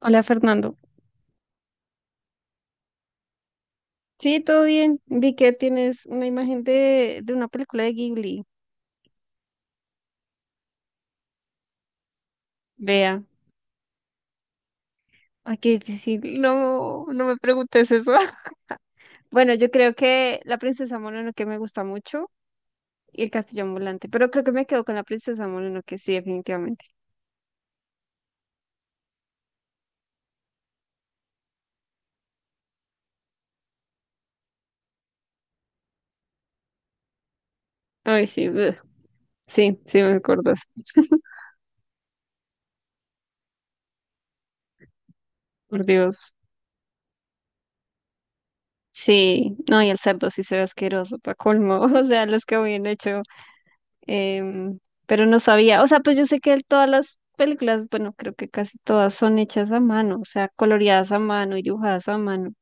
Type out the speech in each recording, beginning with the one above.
Hola Fernando. Sí, todo bien. Vi que tienes una imagen de una película de Ghibli. Vea. Ay, qué difícil. No, no me preguntes eso. Bueno, yo creo que La Princesa Mononoke me gusta mucho y El Castillo Ambulante, pero creo que me quedo con La Princesa Mononoke, sí, definitivamente. Ay, sí, ugh. Sí, sí me acuerdo eso. Por Dios. Sí, no, y el cerdo sí se ve asqueroso, pa' colmo. O sea, los que habían hecho em, pero no sabía, o sea, pues yo sé que todas las películas, bueno, creo que casi todas son hechas a mano, o sea, coloreadas a mano y dibujadas a mano,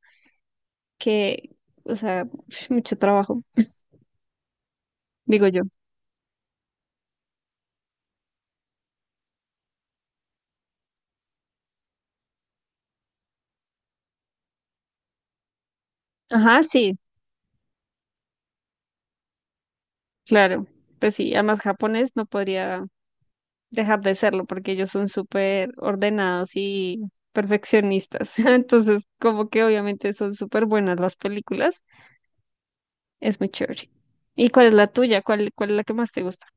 que, o sea, mucho trabajo, digo yo. Ajá, sí, claro, pues sí, además japonés no podría dejar de serlo porque ellos son súper ordenados y perfeccionistas, entonces como que obviamente son súper buenas las películas, es muy chévere. ¿Y cuál es la tuya? ¿Cuál es la que más te gusta?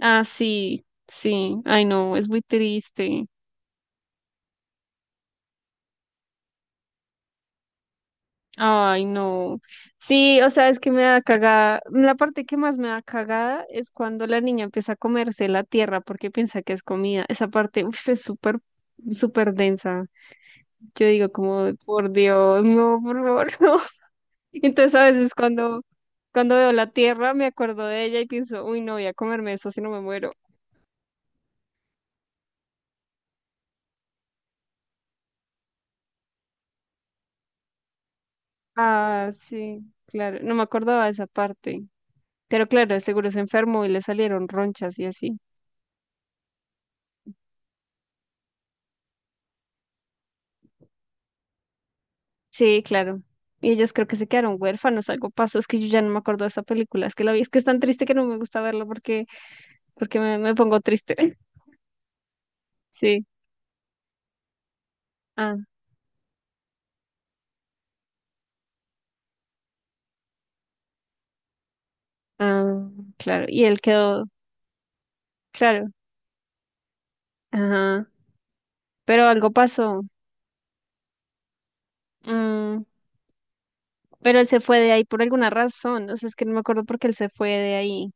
Ah, sí, sí, ay no, es muy triste. Ay no. Sí, o sea, es que me da cagada. La parte que más me da cagada es cuando la niña empieza a comerse la tierra porque piensa que es comida. Esa parte, uf, es súper, súper densa. Yo digo como, por Dios, no, por favor, no. Entonces a veces cuando, veo la tierra me acuerdo de ella y pienso, uy, no voy a comerme eso si no me muero. Ah, sí, claro, no me acordaba de esa parte. Pero claro, seguro se enfermó y le salieron ronchas y así. Sí, claro. Y ellos creo que se quedaron huérfanos, algo pasó. Es que yo ya no me acuerdo de esa película. Es que la vi, es que es tan triste que no me gusta verla porque me pongo triste. Sí. Ah, ah, claro. Y él quedó, claro. Ajá. Pero algo pasó. Mm, pero él se fue de ahí por alguna razón. O sea, es que no me acuerdo por qué él se fue de ahí.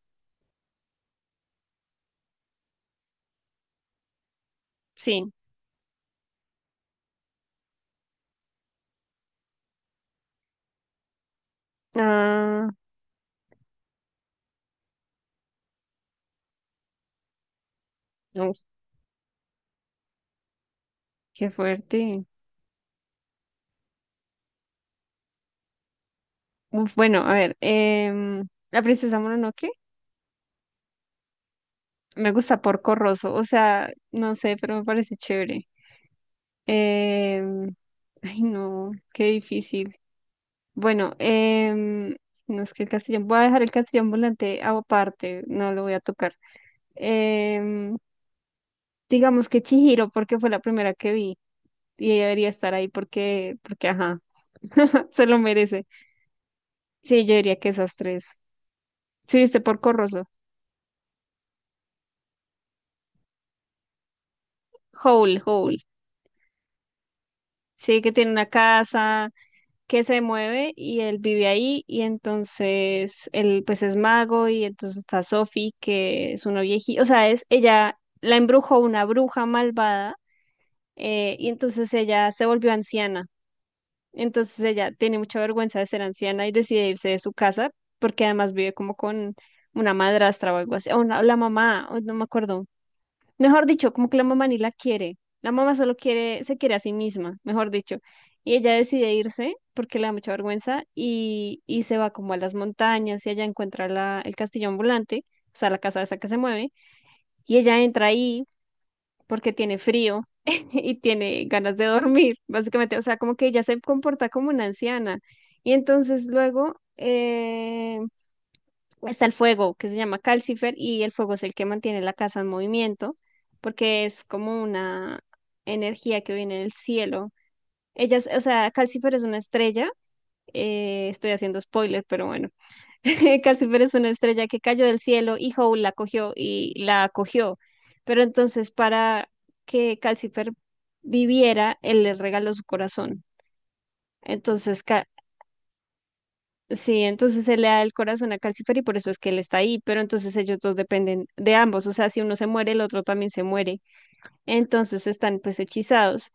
Sí. Ah, uf, qué fuerte. Uf, bueno, a ver. La Princesa Mononoke. Me gusta Porco Rosso, o sea, no sé, pero me parece chévere. Em, Ay, no, qué difícil. Bueno, no es que el castellón, voy a dejar el castellón volante aparte, no lo voy a tocar. Em, digamos que Chihiro, porque fue la primera que vi y ella debería estar ahí porque, ajá, se lo merece. Sí, yo diría que esas tres. Sí, viste Porco Rosso, Howl, Howl. Sí, que tiene una casa que se mueve y él vive ahí y entonces él pues es mago y entonces está Sophie que es una viejita, o sea, es ella la embrujó una bruja malvada y entonces ella se volvió anciana. Entonces ella tiene mucha vergüenza de ser anciana y decide irse de su casa porque además vive como con una madrastra o algo así, la mamá, o no me acuerdo. Mejor dicho, como que la mamá ni la quiere. La mamá solo quiere, se quiere a sí misma, mejor dicho. Y ella decide irse porque le da mucha vergüenza y, se va como a las montañas y allá encuentra el castillo ambulante, o sea, la casa esa que se mueve. Y ella entra ahí porque tiene frío y tiene ganas de dormir, básicamente. O sea, como que ella se comporta como una anciana. Y entonces luego, está el fuego, que se llama Calcifer, y el fuego es el que mantiene la casa en movimiento, porque es como una energía que viene del cielo. Ellas, o sea, Calcifer es una estrella, estoy haciendo spoiler, pero bueno, Calcifer es una estrella que cayó del cielo y Howl la cogió y la acogió. Pero entonces para que Calcifer viviera, él le regaló su corazón. Entonces. Sí, entonces se le da el corazón a Calcifer y por eso es que él está ahí, pero entonces ellos dos dependen de ambos, o sea, si uno se muere, el otro también se muere, entonces están pues hechizados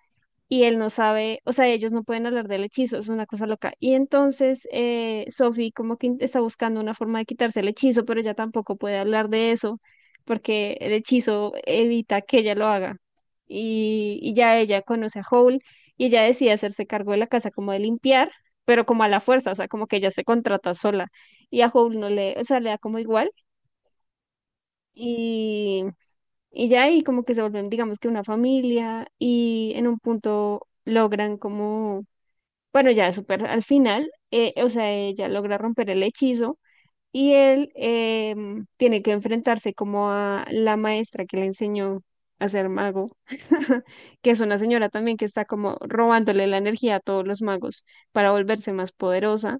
y él no sabe, o sea, ellos no pueden hablar del hechizo, es una cosa loca. Y entonces Sophie como que está buscando una forma de quitarse el hechizo, pero ella tampoco puede hablar de eso porque el hechizo evita que ella lo haga. Y ya ella conoce a Howl y ella decide hacerse cargo de la casa como de limpiar, pero como a la fuerza, o sea, como que ella se contrata sola y a Howl no le, o sea, le da como igual y, ya ahí como que se vuelven, digamos que una familia y en un punto logran como bueno, ya super al final, o sea, ella logra romper el hechizo y él tiene que enfrentarse como a la maestra que le enseñó a ser mago, que es una señora también que está como robándole la energía a todos los magos para volverse más poderosa.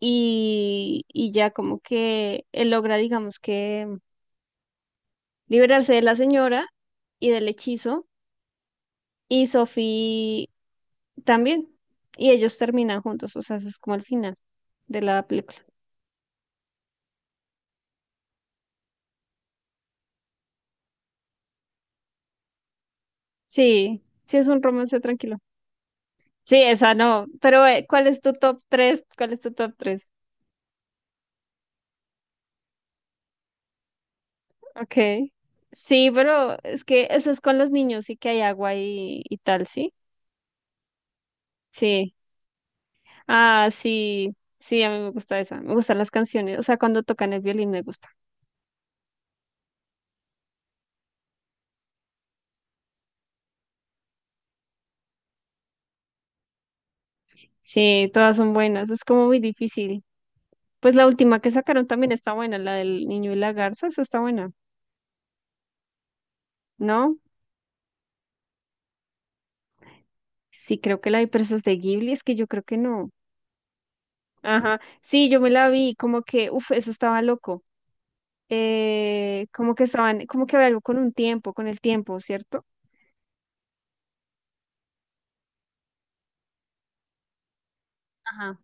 Y ya como que él logra, digamos que, liberarse de la señora y del hechizo, y Sophie también. Y ellos terminan juntos, o sea, ese es como el final de la película. Sí, sí es un romance tranquilo. Sí, esa no. Pero, ¿cuál es tu top 3? ¿Cuál es tu top 3? Ok. Sí, pero es que eso es con los niños, y que hay agua y, tal, ¿sí? Sí. Ah, sí. Sí, a mí me gusta esa. Me gustan las canciones. O sea, cuando tocan el violín me gusta. Sí, todas son buenas. Es como muy difícil. Pues la última que sacaron también está buena, la del niño y la garza, esa está buena, ¿no? Sí, creo que la de presas de Ghibli, es que yo creo que no. Ajá, sí, yo me la vi, como que, uff, eso estaba loco. Como que estaban, como que había algo con un tiempo, con el tiempo, ¿cierto? Ajá.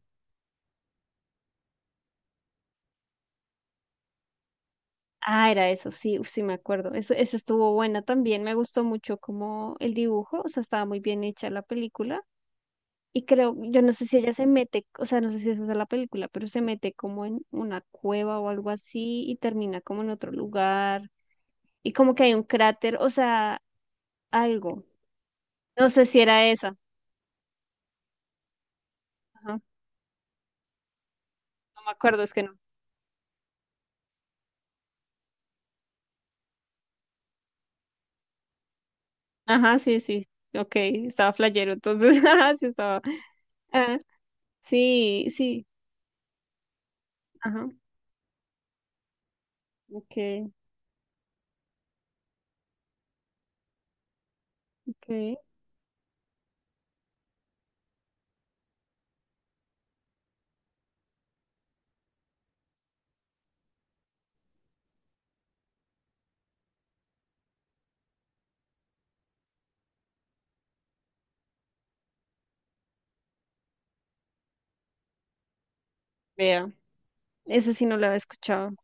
Ah, era eso, sí, uf, sí me acuerdo. Eso, esa estuvo buena también, me gustó mucho como el dibujo, o sea, estaba muy bien hecha la película. Y creo, yo no sé si ella se mete, o sea, no sé si esa es la película, pero se mete como en una cueva o algo así y termina como en otro lugar. Y como que hay un cráter, o sea, algo. No sé si era esa. Ajá, no me acuerdo, es que no. Ajá, sí, sí. Ok, estaba flayero, entonces, ajá, sí estaba. Ah, sí, sí. Ajá. Ok, ok. Vea, esa sí no la había escuchado.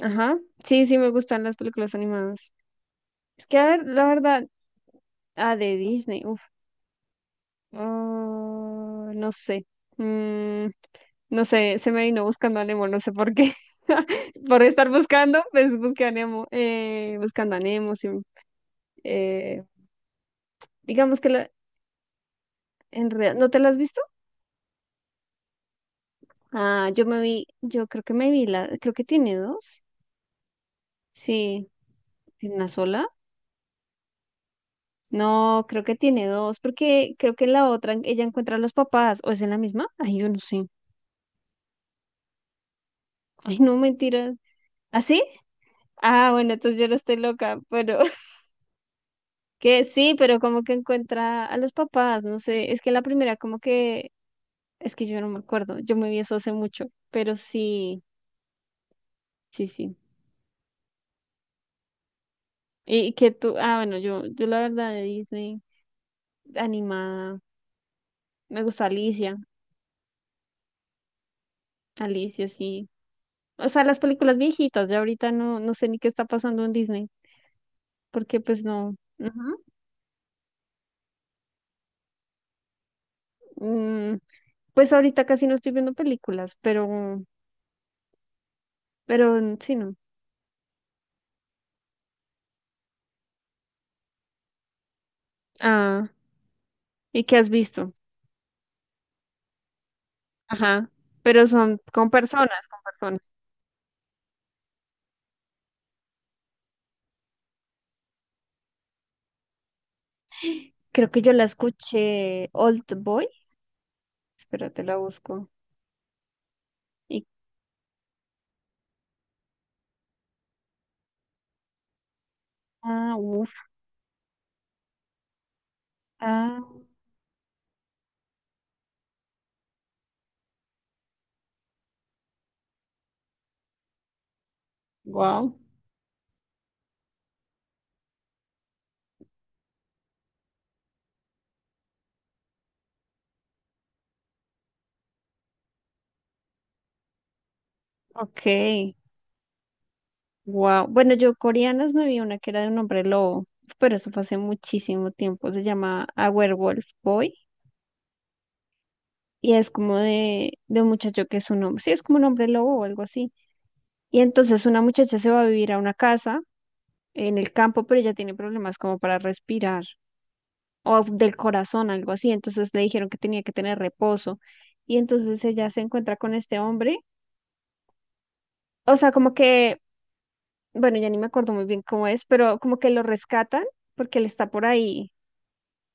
Ajá. Sí, sí me gustan las películas animadas. Es que, a ver, la verdad, ah, de Disney, uf. Ah, no sé. Mm, no sé, se me vino buscando a Nemo, no sé por qué. Por estar buscando, pues busqué a Nemo. Buscando a Nemo, sí. Eh, digamos que la, en realidad, ¿no te la has visto? Ah, yo me vi, yo creo que me vi la, creo que tiene dos. Sí, ¿tiene una sola? No, creo que tiene dos, porque creo que en la otra ella encuentra a los papás, ¿o es en la misma? Ay, yo no sé. Ay, no, mentira. ¿Ah, sí? Ah, bueno, entonces yo no estoy loca, pero que sí, pero como que encuentra a los papás, no sé, es que la primera como que, es que yo no me acuerdo, yo me vi eso hace mucho, pero sí, sí, sí. Y que tú, ah, bueno, yo la verdad de Disney animada, me gusta Alicia. Alicia, sí. O sea, las películas viejitas, ya ahorita no, no sé ni qué está pasando en Disney, porque pues no. Ujú. Mm, pues ahorita casi no estoy viendo películas, pero, mm, sí, no. Ah, ¿y qué has visto? Ajá. Pero son con personas, con personas. Creo que yo la escuché Old Boy. Espérate, la busco. Y, ah, uff. Ah, wow. Ok. Wow. Bueno, yo coreanas me vi una que era de un hombre lobo, pero eso fue hace muchísimo tiempo. Se llama A Werewolf Boy y es como de un muchacho que es un hombre. Sí, es como un hombre lobo o algo así. Y entonces una muchacha se va a vivir a una casa en el campo, pero ella tiene problemas como para respirar o del corazón, algo así. Entonces le dijeron que tenía que tener reposo. Y entonces ella se encuentra con este hombre. O sea, como que, bueno, ya ni me acuerdo muy bien cómo es, pero como que lo rescatan porque él está por ahí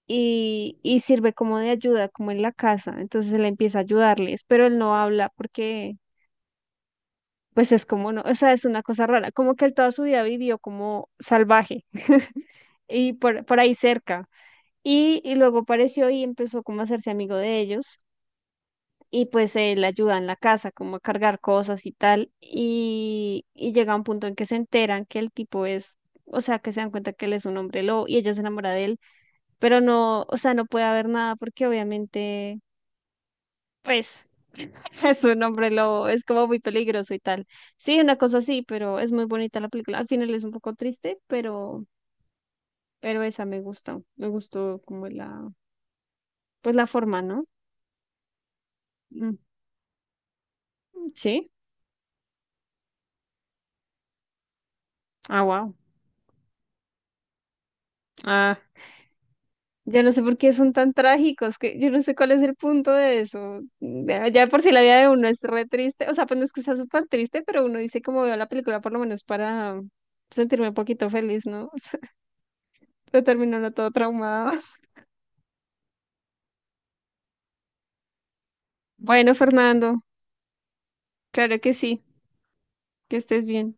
y, sirve como de ayuda, como en la casa. Entonces él empieza a ayudarles, pero él no habla porque, pues es como no, o sea, es una cosa rara, como que él toda su vida vivió como salvaje y por ahí cerca. Y luego apareció y empezó como a hacerse amigo de ellos. Y pues él ayuda en la casa, como a cargar cosas y tal. Y llega un punto en que se enteran que el tipo es, o sea, que se dan cuenta que él es un hombre lobo y ella se enamora de él. Pero no, o sea, no puede haber nada porque obviamente pues es un hombre lobo, es como muy peligroso y tal. Sí, una cosa así, pero es muy bonita la película. Al final es un poco triste, pero, esa me gustó. Me gustó como pues la forma, ¿no? Mm, sí. Ah, wow. Ah, yo no sé por qué son tan trágicos, que yo no sé cuál es el punto de eso. Ya por si la vida de uno es re triste, o sea, pues no es que sea súper triste, pero uno dice como veo la película por lo menos para sentirme un poquito feliz, ¿no? Pero terminó uno todo traumado. Bueno, Fernando. Claro que sí, que estés bien.